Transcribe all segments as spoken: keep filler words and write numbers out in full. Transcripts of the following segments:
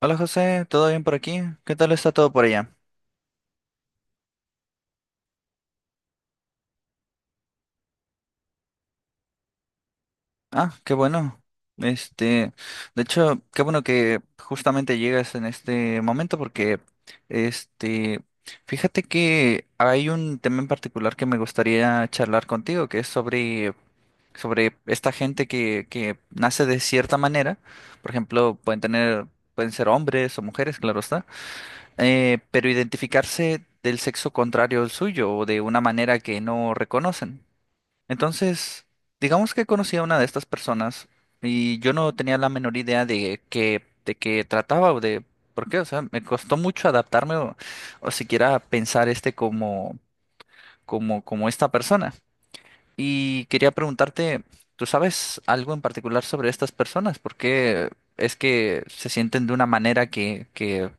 Hola José, ¿todo bien por aquí? ¿Qué tal está todo por allá? Ah, qué bueno. Este, de hecho, qué bueno que justamente llegas en este momento porque, este, fíjate que hay un tema en particular que me gustaría charlar contigo, que es sobre, sobre esta gente que, que nace de cierta manera. Por ejemplo, pueden tener, pueden ser hombres o mujeres, claro está, eh, pero identificarse del sexo contrario al suyo o de una manera que no reconocen. Entonces, digamos que conocí a una de estas personas y yo no tenía la menor idea de qué de qué trataba o de por qué, o sea, me costó mucho adaptarme o, o siquiera pensar este como como como esta persona. Y quería preguntarte, ¿tú sabes algo en particular sobre estas personas? ¿Por qué es que se sienten de una manera que que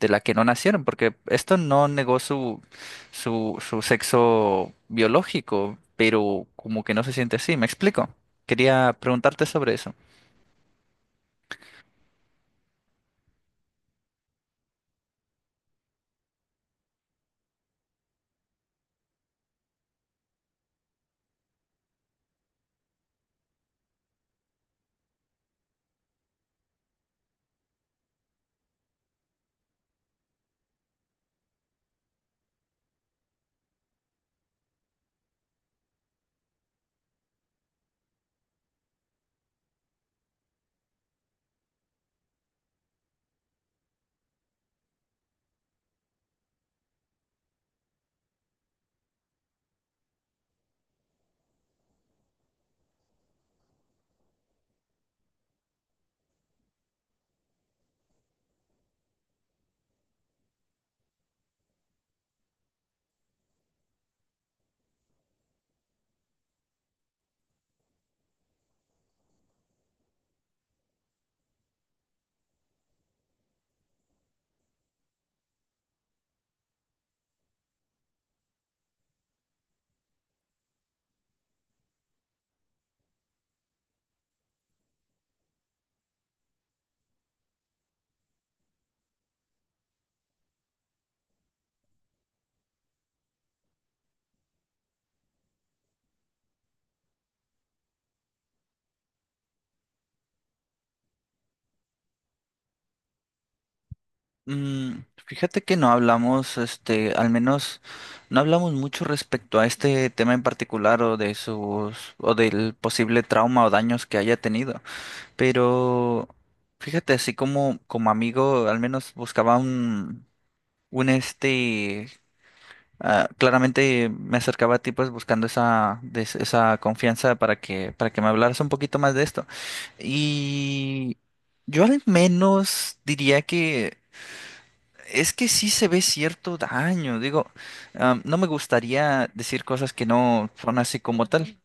de la que no nacieron, porque esto no negó su, su, su sexo biológico, pero como que no se siente así? ¿Me explico? Quería preguntarte sobre eso. Mm, fíjate que no hablamos, este, al menos no hablamos mucho respecto a este tema en particular o de sus, o del posible trauma o daños que haya tenido, pero fíjate, así como, como amigo, al menos buscaba un, un este. Ah, claramente me acercaba a ti pues buscando esa, des- esa confianza para que, para que me hablaras un poquito más de esto. Y yo al menos diría que es que sí se ve cierto daño. Digo, ah, no me gustaría decir cosas que no son así como tal.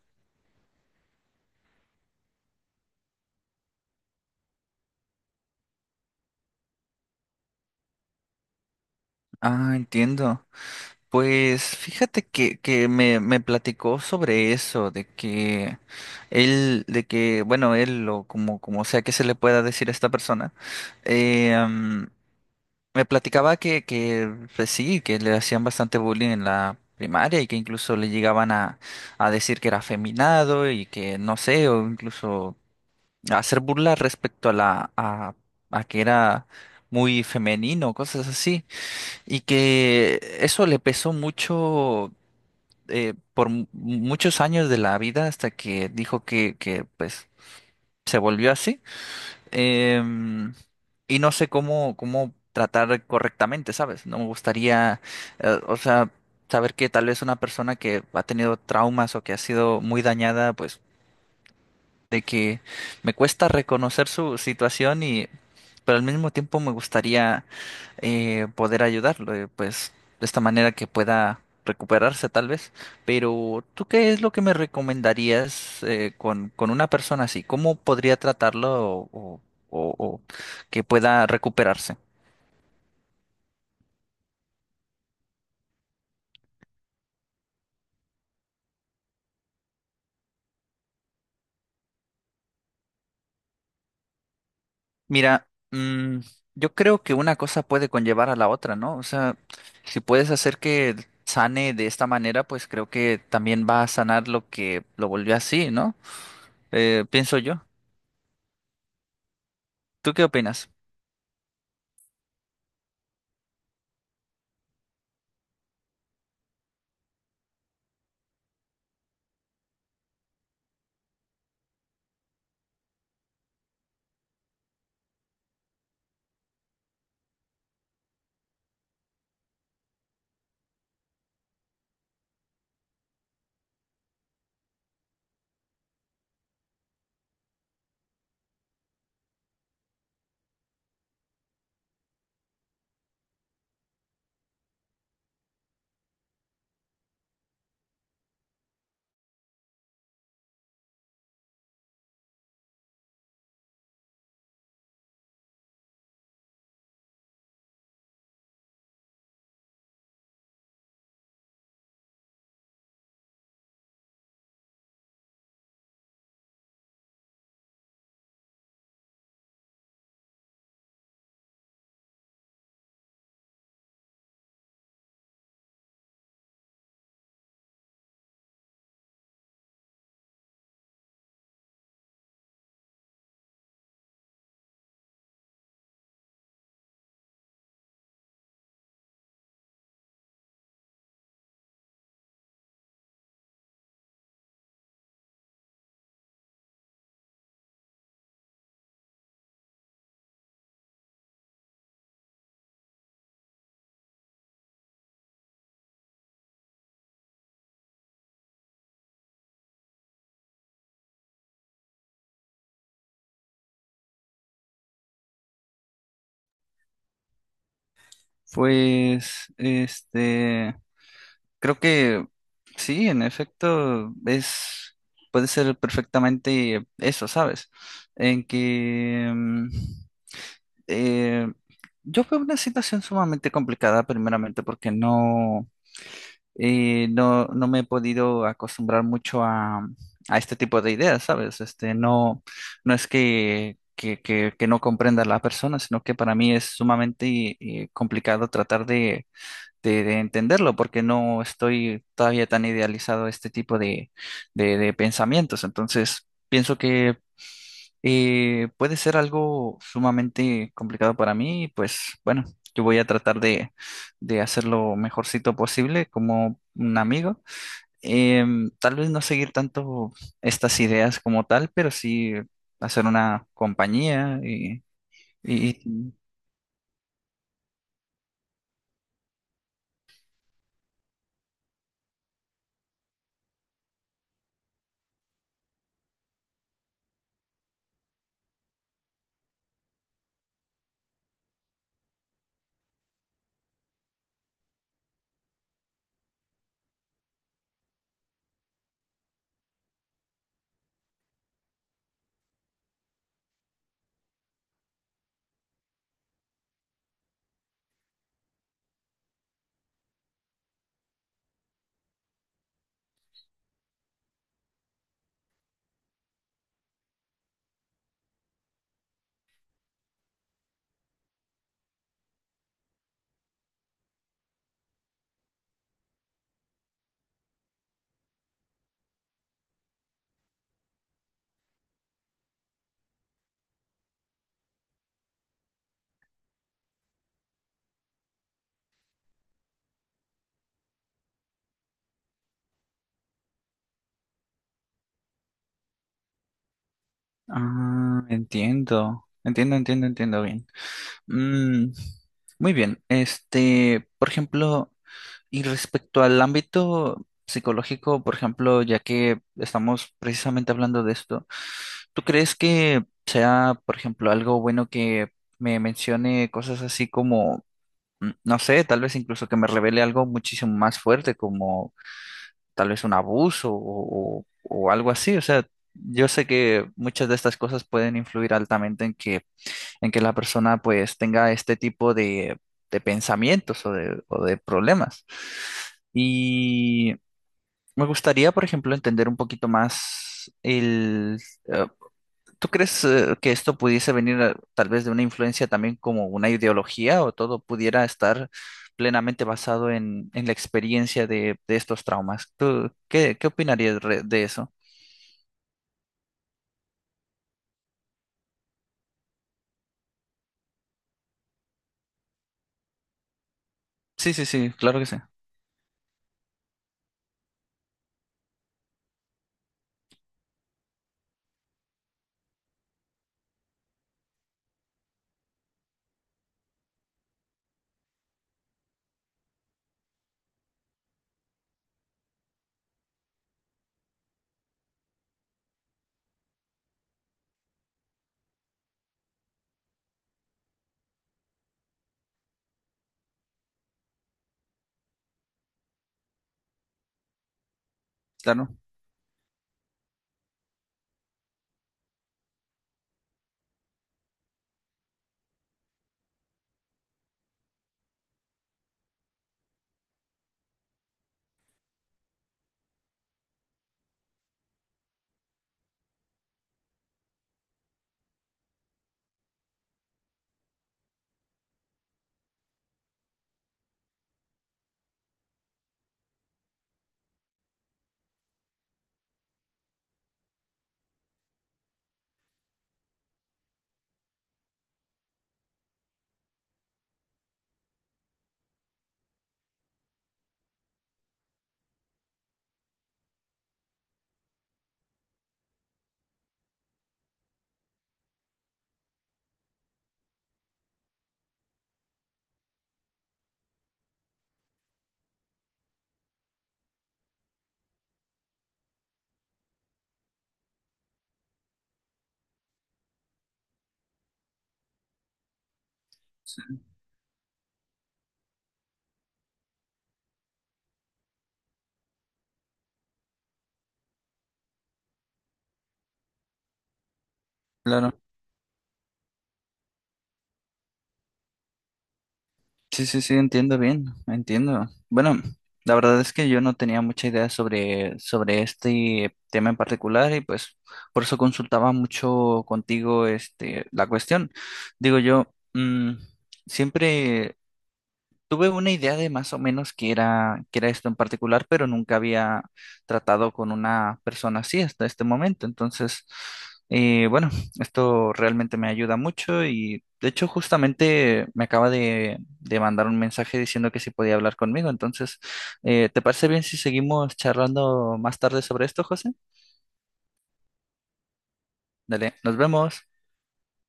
Ah, entiendo. Pues fíjate que, que me, me platicó sobre eso, de que él, de que, bueno, él o como, como sea que se le pueda decir a esta persona, eh, mm, me platicaba que, que pues sí, que le hacían bastante bullying en la primaria y que incluso le llegaban a, a decir que era afeminado y que no sé, o incluso hacer burla respecto a la, a, a que era muy femenino, cosas así. Y que eso le pesó mucho eh, por mu- muchos años de la vida hasta que dijo que, que pues se volvió así. Em, y no sé cómo, cómo tratar correctamente, ¿sabes? No me gustaría, eh, o sea, saber que tal vez una persona que ha tenido traumas o que ha sido muy dañada, pues de que me cuesta reconocer su situación y, pero al mismo tiempo me gustaría eh, poder ayudarlo, eh, pues de esta manera que pueda recuperarse tal vez. Pero ¿tú qué es lo que me recomendarías eh, con, con una persona así? ¿Cómo podría tratarlo o, o- o- o que pueda recuperarse? Mira, mm, yo creo que una cosa puede conllevar a la otra, ¿no? O sea, si puedes hacer que sane de esta manera, pues creo que también va a sanar lo que lo volvió así, ¿no? Eh, pienso yo. ¿Tú qué opinas? Pues, este, creo que sí, en efecto, es, puede ser perfectamente eso, ¿sabes? En que mm, eh, yo veo una situación sumamente complicada, primeramente, porque no, eh, no, no me he podido acostumbrar mucho a, a este tipo de ideas, ¿sabes? Este, no, no es que, que, que, que no comprenda a la persona, sino que para mí es sumamente eh, complicado tratar de de, de entenderlo, porque no estoy todavía tan idealizado a este tipo de, de- de pensamientos. Entonces, pienso que eh, puede ser algo sumamente complicado para mí, y pues bueno, yo voy a tratar de, de hacer lo mejorcito posible como un amigo. Em, tal vez no seguir tanto estas ideas como tal, pero sí hacer una compañía y... y- y- ah, entiendo, entiendo, entiendo, entiendo bien. Mm, muy bien. Este, por ejemplo, y respecto al ámbito psicológico, por ejemplo, ya que estamos precisamente hablando de esto, ¿tú crees que sea, por ejemplo, algo bueno que me mencione cosas así como, mm, no sé, tal vez incluso que me revele algo muchísimo más fuerte, como tal vez un abuso o, o o algo así? O sea, yo sé que muchas de estas cosas pueden influir altamente en que en que la persona pues tenga este tipo de, de pensamientos o de, o de problemas. Y me gustaría, por ejemplo, entender un poquito más el... eh, ¿tú crees eh, que esto pudiese venir eh, tal vez de una influencia también como una ideología o todo pudiera estar plenamente basado en, en la experiencia de, de estos traumas? ¿Tú qué, qué opinarías re- de eso? Sí, sí, sí, claro que sí. Claro, claro. Sí, sí, sí, entiendo bien, entiendo. Bueno, la verdad es que yo no tenía mucha idea sobre, sobre este tema en particular y pues por eso consultaba mucho contigo este, la cuestión. Digo yo, mm, siempre tuve una idea de más o menos qué era, qué era esto en particular, pero nunca había tratado con una persona así hasta este momento. Entonces, eh, bueno, esto realmente me ayuda mucho y de hecho justamente me acaba de, de mandar un mensaje diciendo que si podía hablar conmigo. Entonces, eh, ¿te parece bien si seguimos charlando más tarde sobre esto, José? Dale, nos vemos.